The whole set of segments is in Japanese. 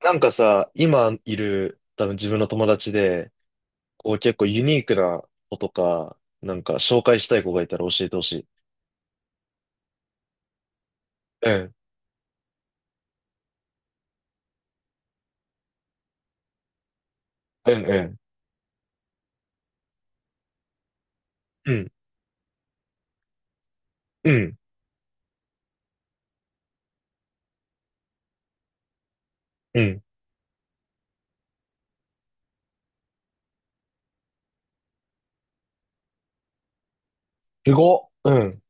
なんかさ、今いる多分自分の友達で、こう結構ユニークな子とか、なんか紹介したい子がいたら教えてほしい。うん、うん、うん、うん、うん、うん。すごっ。うん、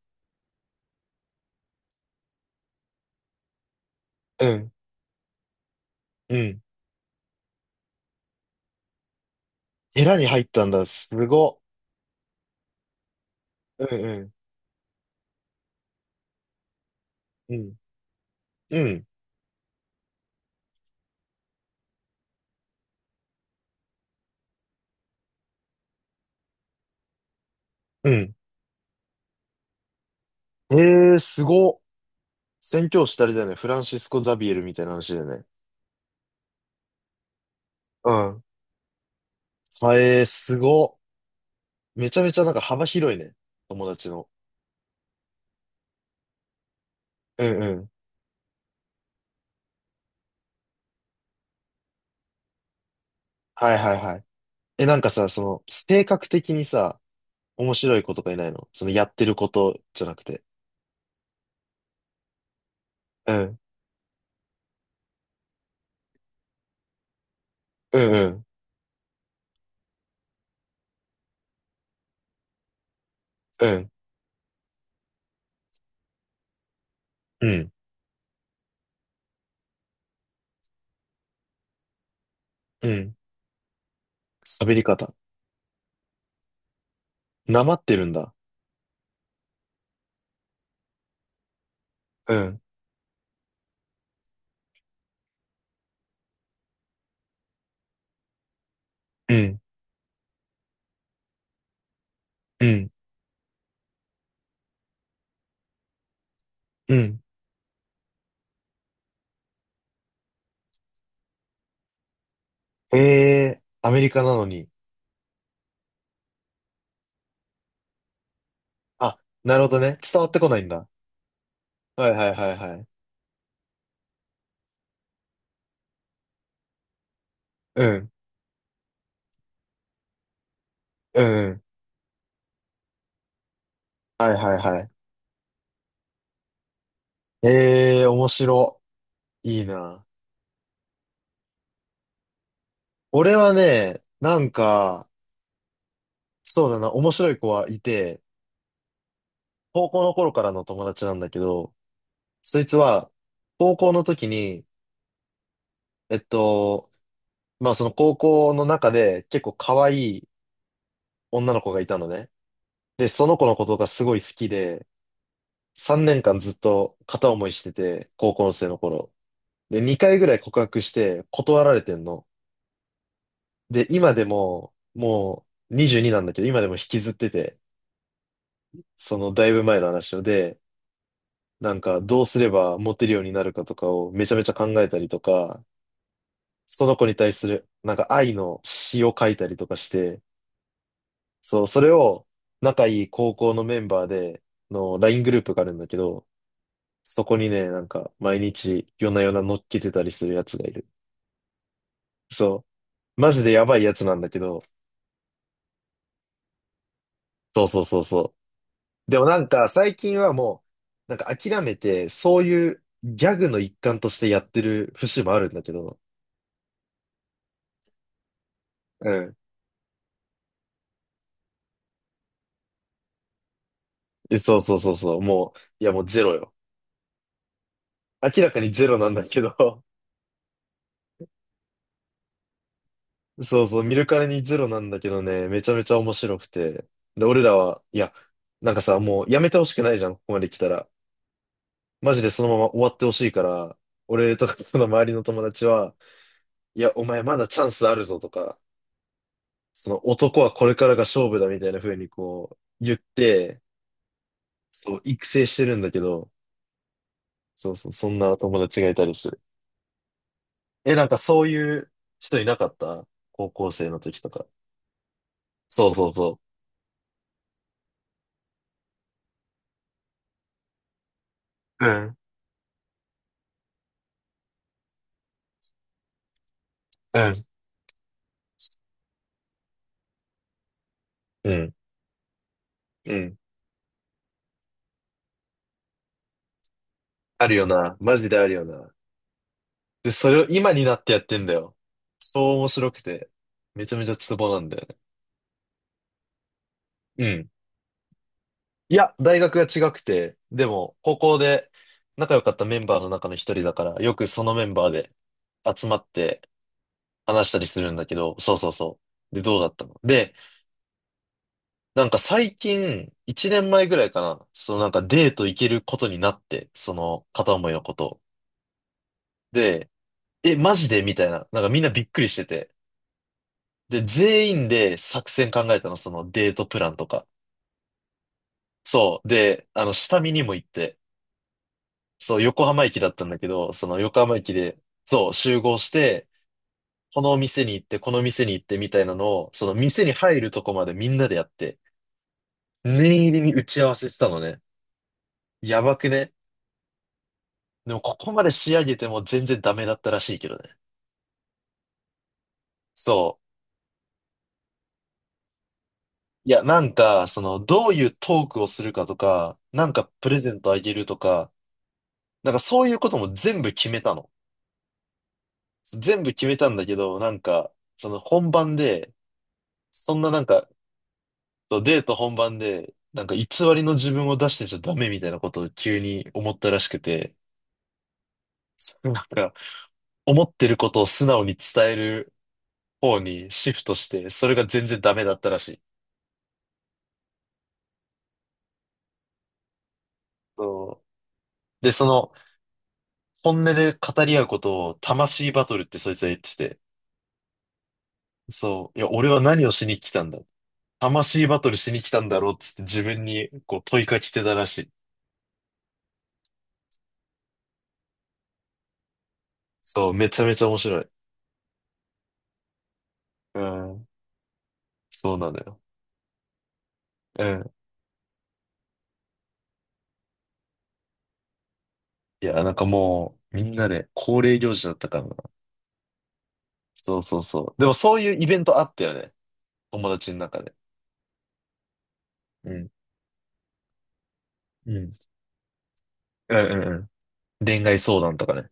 うん、うん。ヘラに入ったんだ。すごっ。うん、うん、うん、うん、うん。えー、すごっ。宣教師たりだよね。フランシスコ・ザビエルみたいな話だよね。うん。あえー、すごっ。めちゃめちゃなんか幅広いね。友達の。うん、うん。はいはいはい。え、なんかさ、その、性格的にさ、面白い子とかいないの？その、やってることじゃなくて。うん。うん、うん、うん、うん、うん。喋り方。なまってるんだ。うん、うん、うん、うん。ええー、アメリカなのに。あ、なるほどね。伝わってこないんだ。はいはいはいはい。うん、うん、うん。はいはいはい。ええー、面白。いいな。俺はね、なんか、そうだな、面白い子はいて、高校の頃からの友達なんだけど、そいつは、高校の時に、えっと、まあその高校の中で結構可愛い女の子がいたのね。で、その子のことがすごい好きで、3年間ずっと片思いしてて、高校生の頃。で、2回ぐらい告白して断られてんの。で、今でも、もう22なんだけど、今でも引きずってて、そのだいぶ前の話をで、なんかどうすればモテるようになるかとかをめちゃめちゃ考えたりとか、その子に対する、なんか愛の詩を書いたりとかして、そう、それを仲いい高校のメンバーでの LINE グループがあるんだけど、そこにね、なんか毎日夜な夜な乗っけてたりするやつがいる。そう、マジでやばいやつなんだけど、そうそうそうそう。でもなんか最近はもう、なんか諦めて、そういうギャグの一環としてやってる節もあるんだけど、うん。えそうそうそうそう、もう、いやもうゼロよ。明らかにゼロなんだけど、そうそう、見るからにゼロなんだけどね、めちゃめちゃ面白くて。で、俺らは、いや、なんかさ、もうやめてほしくないじゃん、ここまで来たら。マジでそのまま終わってほしいから、俺とかその周りの友達は、いや、お前まだチャンスあるぞとか、その男はこれからが勝負だみたいな風にこう言って、そう、育成してるんだけど、そうそう、そんな友達がいたりする。え、なんかそういう人いなかった？高校生の時とか。そうそうそう。うん。うん。うん。うん、あるよな。マジであるよな。で、それを今になってやってんだよ。超面白くて。めちゃめちゃツボなんだよね。うん。いや、大学が違くて、でも、高校で仲良かったメンバーの中の一人だから、よくそのメンバーで集まって話したりするんだけど、そうそうそう。で、どうだったので、なんか最近、一年前ぐらいかな、そのなんかデート行けることになって、その片思いのことを。で、え、マジでみたいな。なんかみんなびっくりしてて。で、全員で作戦考えたの、そのデートプランとか。そう。で、あの、下見にも行って、そう、横浜駅だったんだけど、その横浜駅で、そう、集合して、この店に行って、この店に行ってみたいなのを、その店に入るとこまでみんなでやって、念入りに打ち合わせしたのね。やばくね？でも、ここまで仕上げても全然ダメだったらしいけどね。そう。いや、なんか、その、どういうトークをするかとか、なんかプレゼントあげるとか、なんかそういうことも全部決めたの。全部決めたんだけど、なんか、その本番で、そんななんか、そうデート本番で、なんか偽りの自分を出してちゃダメみたいなことを急に思ったらしくて、そうなんか、思ってることを素直に伝える方にシフトして、それが全然ダメだったらしい。そう。で、その、本音で語り合うことを魂バトルってそいつは言ってて、そう、いや、俺は何をしに来たんだ。魂バトルしに来たんだろうっつって自分にこう問いかけてたらしい。そう、めちゃめちゃ面白い。うん、そうなのよ。うん。いや、なんかもう、みんなで恒例行事だったからな。そうそうそう。でもそういうイベントあったよね。友達の中で。うん。うん。うんうんうん。恋愛相談とかね。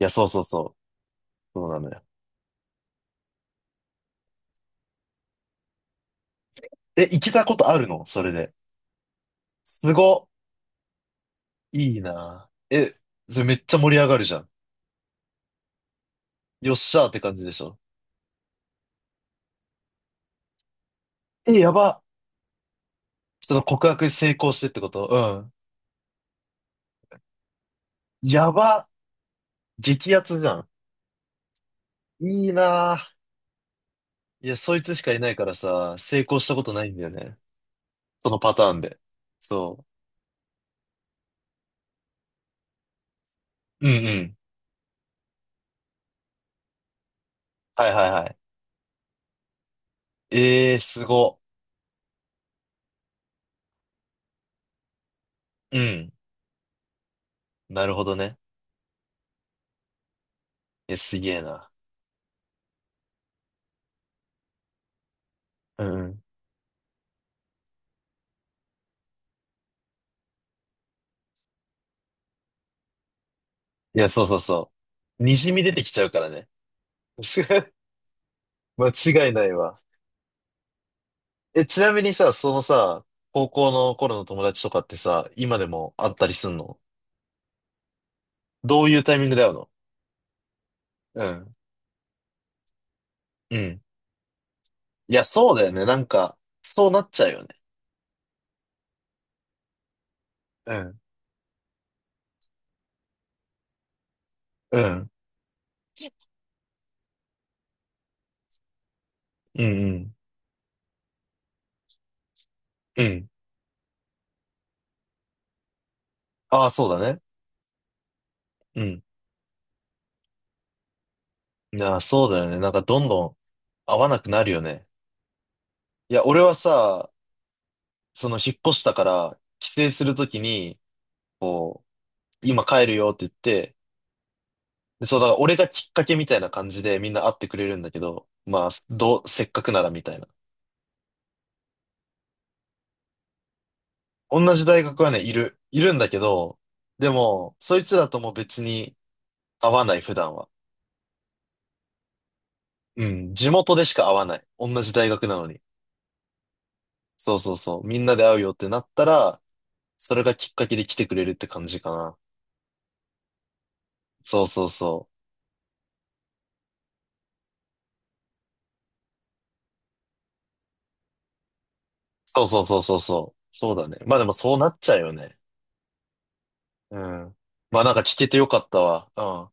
いや、そうそうそう。そうなのよ。え、行けたことあるの？それで。すご。いいな。え、それめっちゃ盛り上がるじゃん。よっしゃーって感じでしょ。え、やば。その告白成功してってこと？うん。やば。激アツじゃん。いいな。いや、そいつしかいないからさ、成功したことないんだよね。そのパターンで。そう。うんうん。はいはいはい。ええー、すご。うん。なるほどね。いや、すげえな。うんうん。いや、そうそうそう。にじみ出てきちゃうからね。間違いないわ。え、ちなみにさ、そのさ、高校の頃の友達とかってさ、今でも会ったりすんの？どういうタイミングで会うの？うん。うん。いや、そうだよね。なんか、そうなっちゃうよね。うん。うん。うんうん。うん。ああ、そうだね。うん。いや、そうだよね。なんかどんどん合わなくなるよね。いや、俺はさ、その引っ越したから、帰省するときに、こう、今帰るよって言って、で、そう、だから俺がきっかけみたいな感じでみんな会ってくれるんだけど、まあ、どう、せっかくならみたいな。同じ大学はね、いる、いるんだけど、でも、そいつらとも別に会わない、普段は。うん、地元でしか会わない。同じ大学なのに。そうそうそう。みんなで会うよってなったら、それがきっかけで来てくれるって感じかな。そうそうそう。そうそうそうそうそう。そうだね。まあでもそうなっちゃうよね。うん。まあなんか聞けてよかったわ。うん。